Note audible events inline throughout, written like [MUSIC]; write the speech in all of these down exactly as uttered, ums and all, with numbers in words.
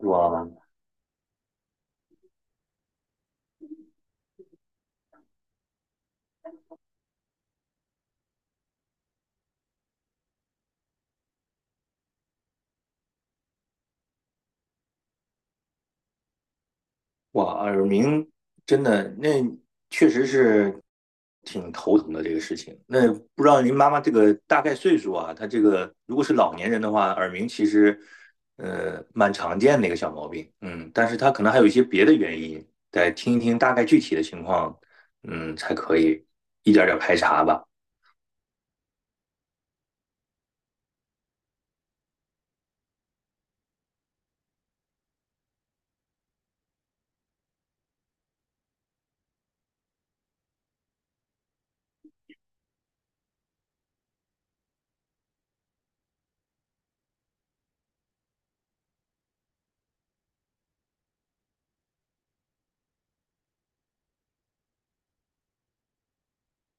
哇哇，耳鸣真的那确实是挺头疼的这个事情。那不知道您妈妈这个大概岁数啊？她这个如果是老年人的话，耳鸣其实呃蛮常见的一个小毛病。嗯，但是她可能还有一些别的原因，得听一听大概具体的情况，嗯，才可以一点儿点儿排查吧。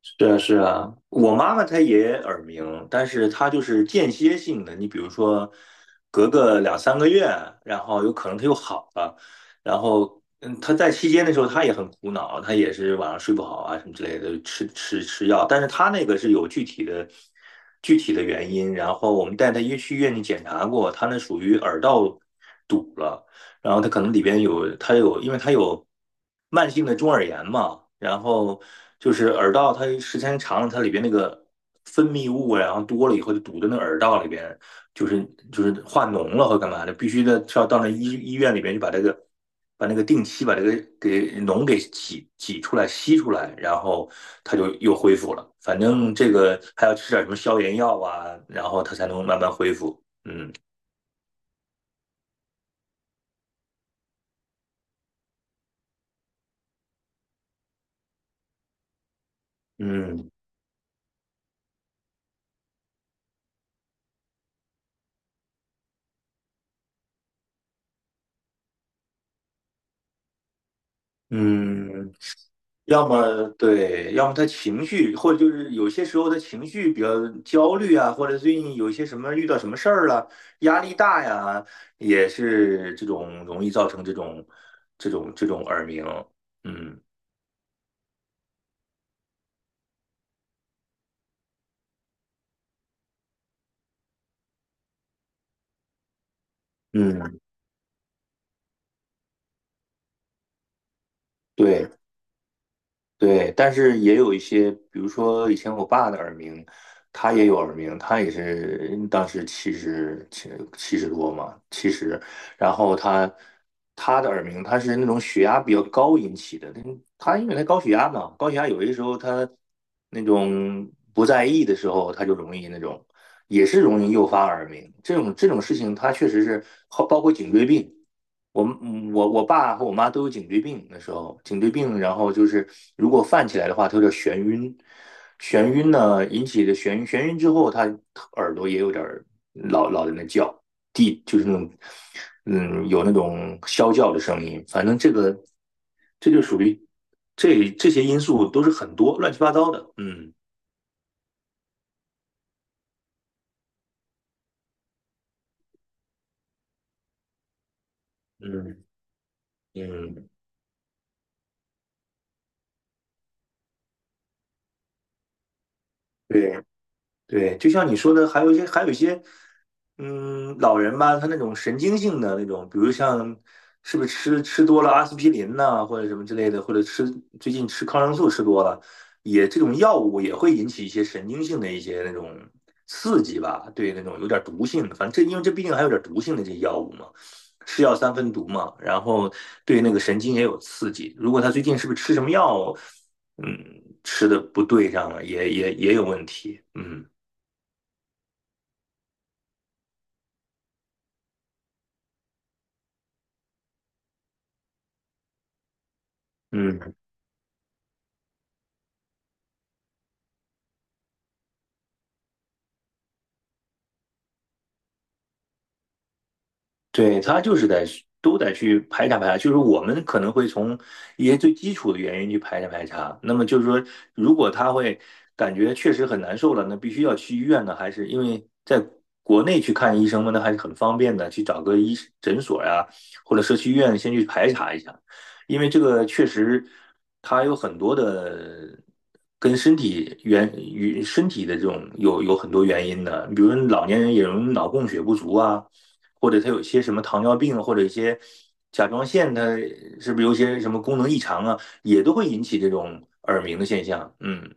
是啊，是啊，我妈妈她也耳鸣，但是她就是间歇性的。你比如说，隔个两三个月，然后有可能她又好了，然后嗯，她在期间的时候，她也很苦恼，她也是晚上睡不好啊什么之类的，吃吃吃药。但是她那个是有具体的具体的原因，然后我们带她去医院里检查过，她那属于耳道堵了。然后它可能里边有它有，因为它有慢性的中耳炎嘛，然后就是耳道它时间长了，它里边那个分泌物啊然后多了以后就堵在那耳道里边，就是就是化脓了或干嘛的，必须得要到那医医院里边去把这个把那个定期把这个给脓给挤挤出来吸出来，然后它就又恢复了。反正这个还要吃点什么消炎药啊，然后它才能慢慢恢复。嗯嗯嗯。要么对，要么他情绪，或者就是有些时候他情绪比较焦虑啊，或者最近有一些什么遇到什么事儿了，压力大呀，也是这种容易造成这种这种这种耳鸣。嗯嗯，对。对，但是也有一些，比如说以前我爸的耳鸣，他也有耳鸣，他也是当时七十七七十多嘛，七十，然后他他的耳鸣，他是那种血压比较高引起的，他他因为他高血压嘛，高血压有些时候他那种不在意的时候，他就容易那种也是容易诱发耳鸣，这种这种事情，他确实是包括颈椎病。我嗯我我爸和我妈都有颈椎病，那时候颈椎病，然后就是如果犯起来的话，它有点眩晕，眩晕呢引起的眩晕，眩晕之后，他耳朵也有点老老在那叫，地就是那种嗯有那种啸叫的声音，反正这个这就属于这这些因素都是很多乱七八糟的，嗯嗯嗯，对，对，就像你说的，还有一些，还有一些，嗯，老人吧，他那种神经性的那种，比如像是不是吃吃多了阿司匹林呐、或者什么之类的，或者吃最近吃抗生素吃多了，也这种药物也会引起一些神经性的一些那种刺激吧，对，那种有点毒性的，反正这因为这毕竟还有点毒性的这些药物嘛，是药三分毒嘛，然后对那个神经也有刺激，如果他最近是不是吃什么药，嗯，吃的不对上了，也也也有问题，嗯。嗯，对，他就是在都得去排查排查，就是我们可能会从一些最基础的原因去排查排查。那么就是说，如果他会感觉确实很难受了，那必须要去医院呢，还是因为在国内去看医生嘛，那还是很方便的，去找个医诊所呀、或者社区医院先去排查一下，因为这个确实它有很多的跟身体原与身体的这种有有很多原因的，比如老年人也容易脑供血不足啊。或者他有些什么糖尿病，或者一些甲状腺，的是不是有些什么功能异常啊，也都会引起这种耳鸣的现象。嗯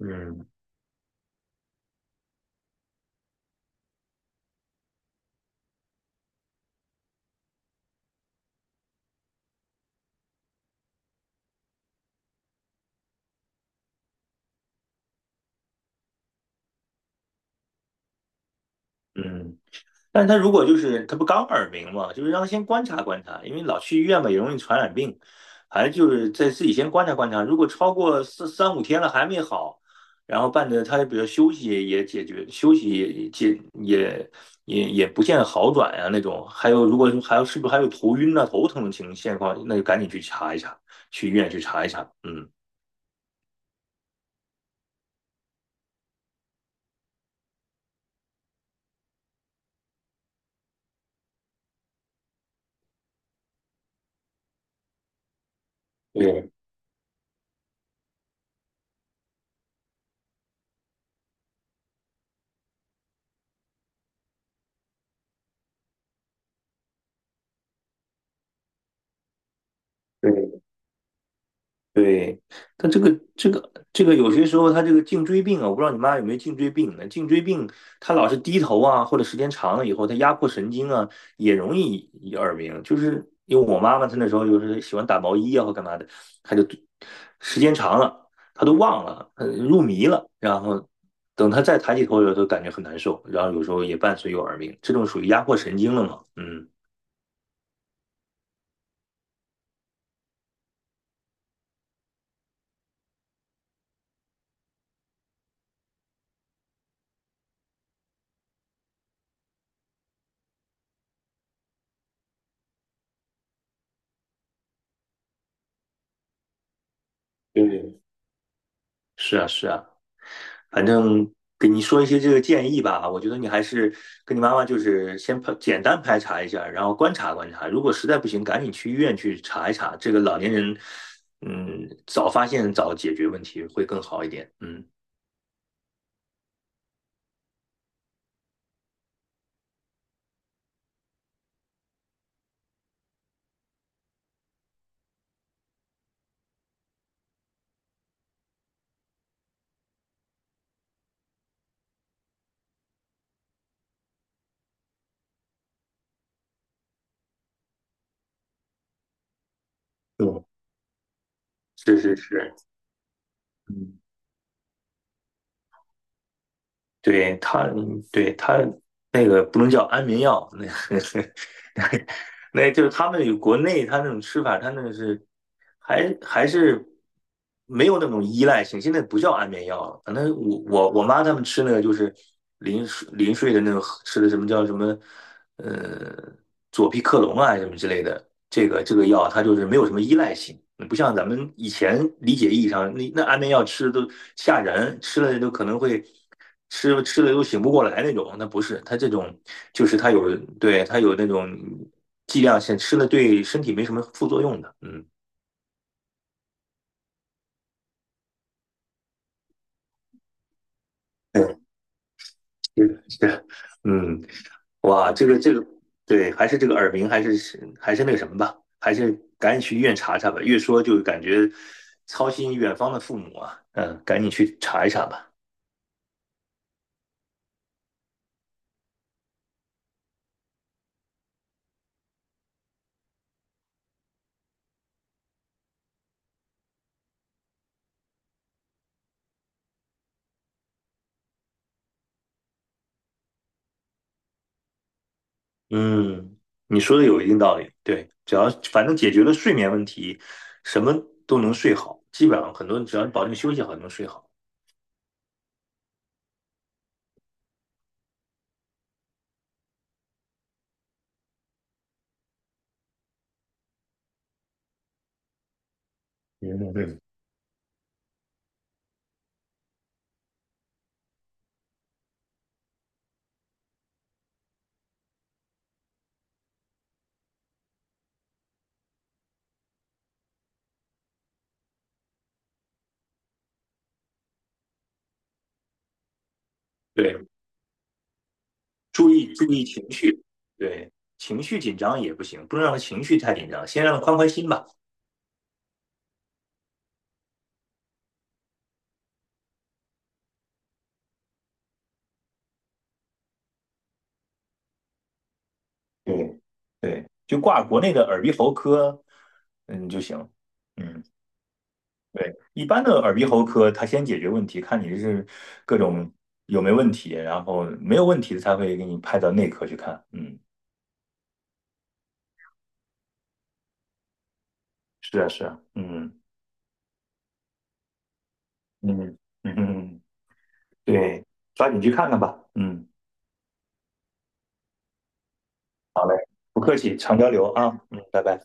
嗯嗯。但是他如果就是他不刚耳鸣嘛，就是让他先观察观察，因为老去医院嘛也容易传染病，反正就是在自己先观察观察。如果超过四三五天了还没好，然后伴着他比如休息也解决，休息也解也也也不见好转呀、那种，还有如果还有是不是还有头晕啊头疼的情况，那就赶紧去查一查，去医院去查一查。嗯，对对，对，但这个这个这个有些时候他这个颈椎病啊，我不知道你妈有没有颈椎病呢？颈椎病他老是低头啊，或者时间长了以后，他压迫神经啊，也容易耳鸣。就是因为我妈妈她那时候就是喜欢打毛衣啊或干嘛的，她就时间长了，她都忘了，呃入迷了，然后等她再抬起头的时候，都感觉很难受，然后有时候也伴随有耳鸣，这种属于压迫神经了嘛？嗯，对。是啊，是啊。反正给你说一些这个建议吧，我觉得你还是跟你妈妈就是先排简单排查一下，然后观察观察，如果实在不行，赶紧去医院去查一查。这个老年人，嗯，早发现早解决问题会更好一点。嗯，对，是是是，嗯，对他，对他那个不能叫安眠药，那个 [LAUGHS] 那就是他们有国内他那种吃法，他那个是还还是没有那种依赖性，现在不叫安眠药了。反正我我我妈他们吃那个就是临睡临睡的那种，吃的什么叫什么呃左匹克隆啊什么之类的，这个这个药它就是没有什么依赖性，不像咱们以前理解意义上，那那安眠药吃都吓人，吃了都可能会吃吃了都醒不过来那种，那不是，它这种就是它有对它有那种剂量性，吃了对身体没什么副作用的，嗯，对，是的是的，嗯。哇，这个这个，对，还是这个耳鸣，还是还是那个什么吧，还是赶紧去医院查查吧。越说就感觉操心远方的父母啊，嗯，赶紧去查一查吧。嗯，你说的有一定道理，对，只要反正解决了睡眠问题，什么都能睡好，基本上很多人只要你保证休息好，就能睡好。嗯对，对，注意注意情绪，对，情绪紧张也不行，不能让他情绪太紧张，先让他宽宽心吧。对对，就挂国内的耳鼻喉科，嗯就行。嗯，对，一般的耳鼻喉科，他先解决问题，看你是各种有没有问题，然后没有问题的才会给你派到内科去看。嗯，是啊，是啊，嗯嗯嗯，对，抓紧去看看吧。嗯，不客气，常交流啊。嗯，拜拜。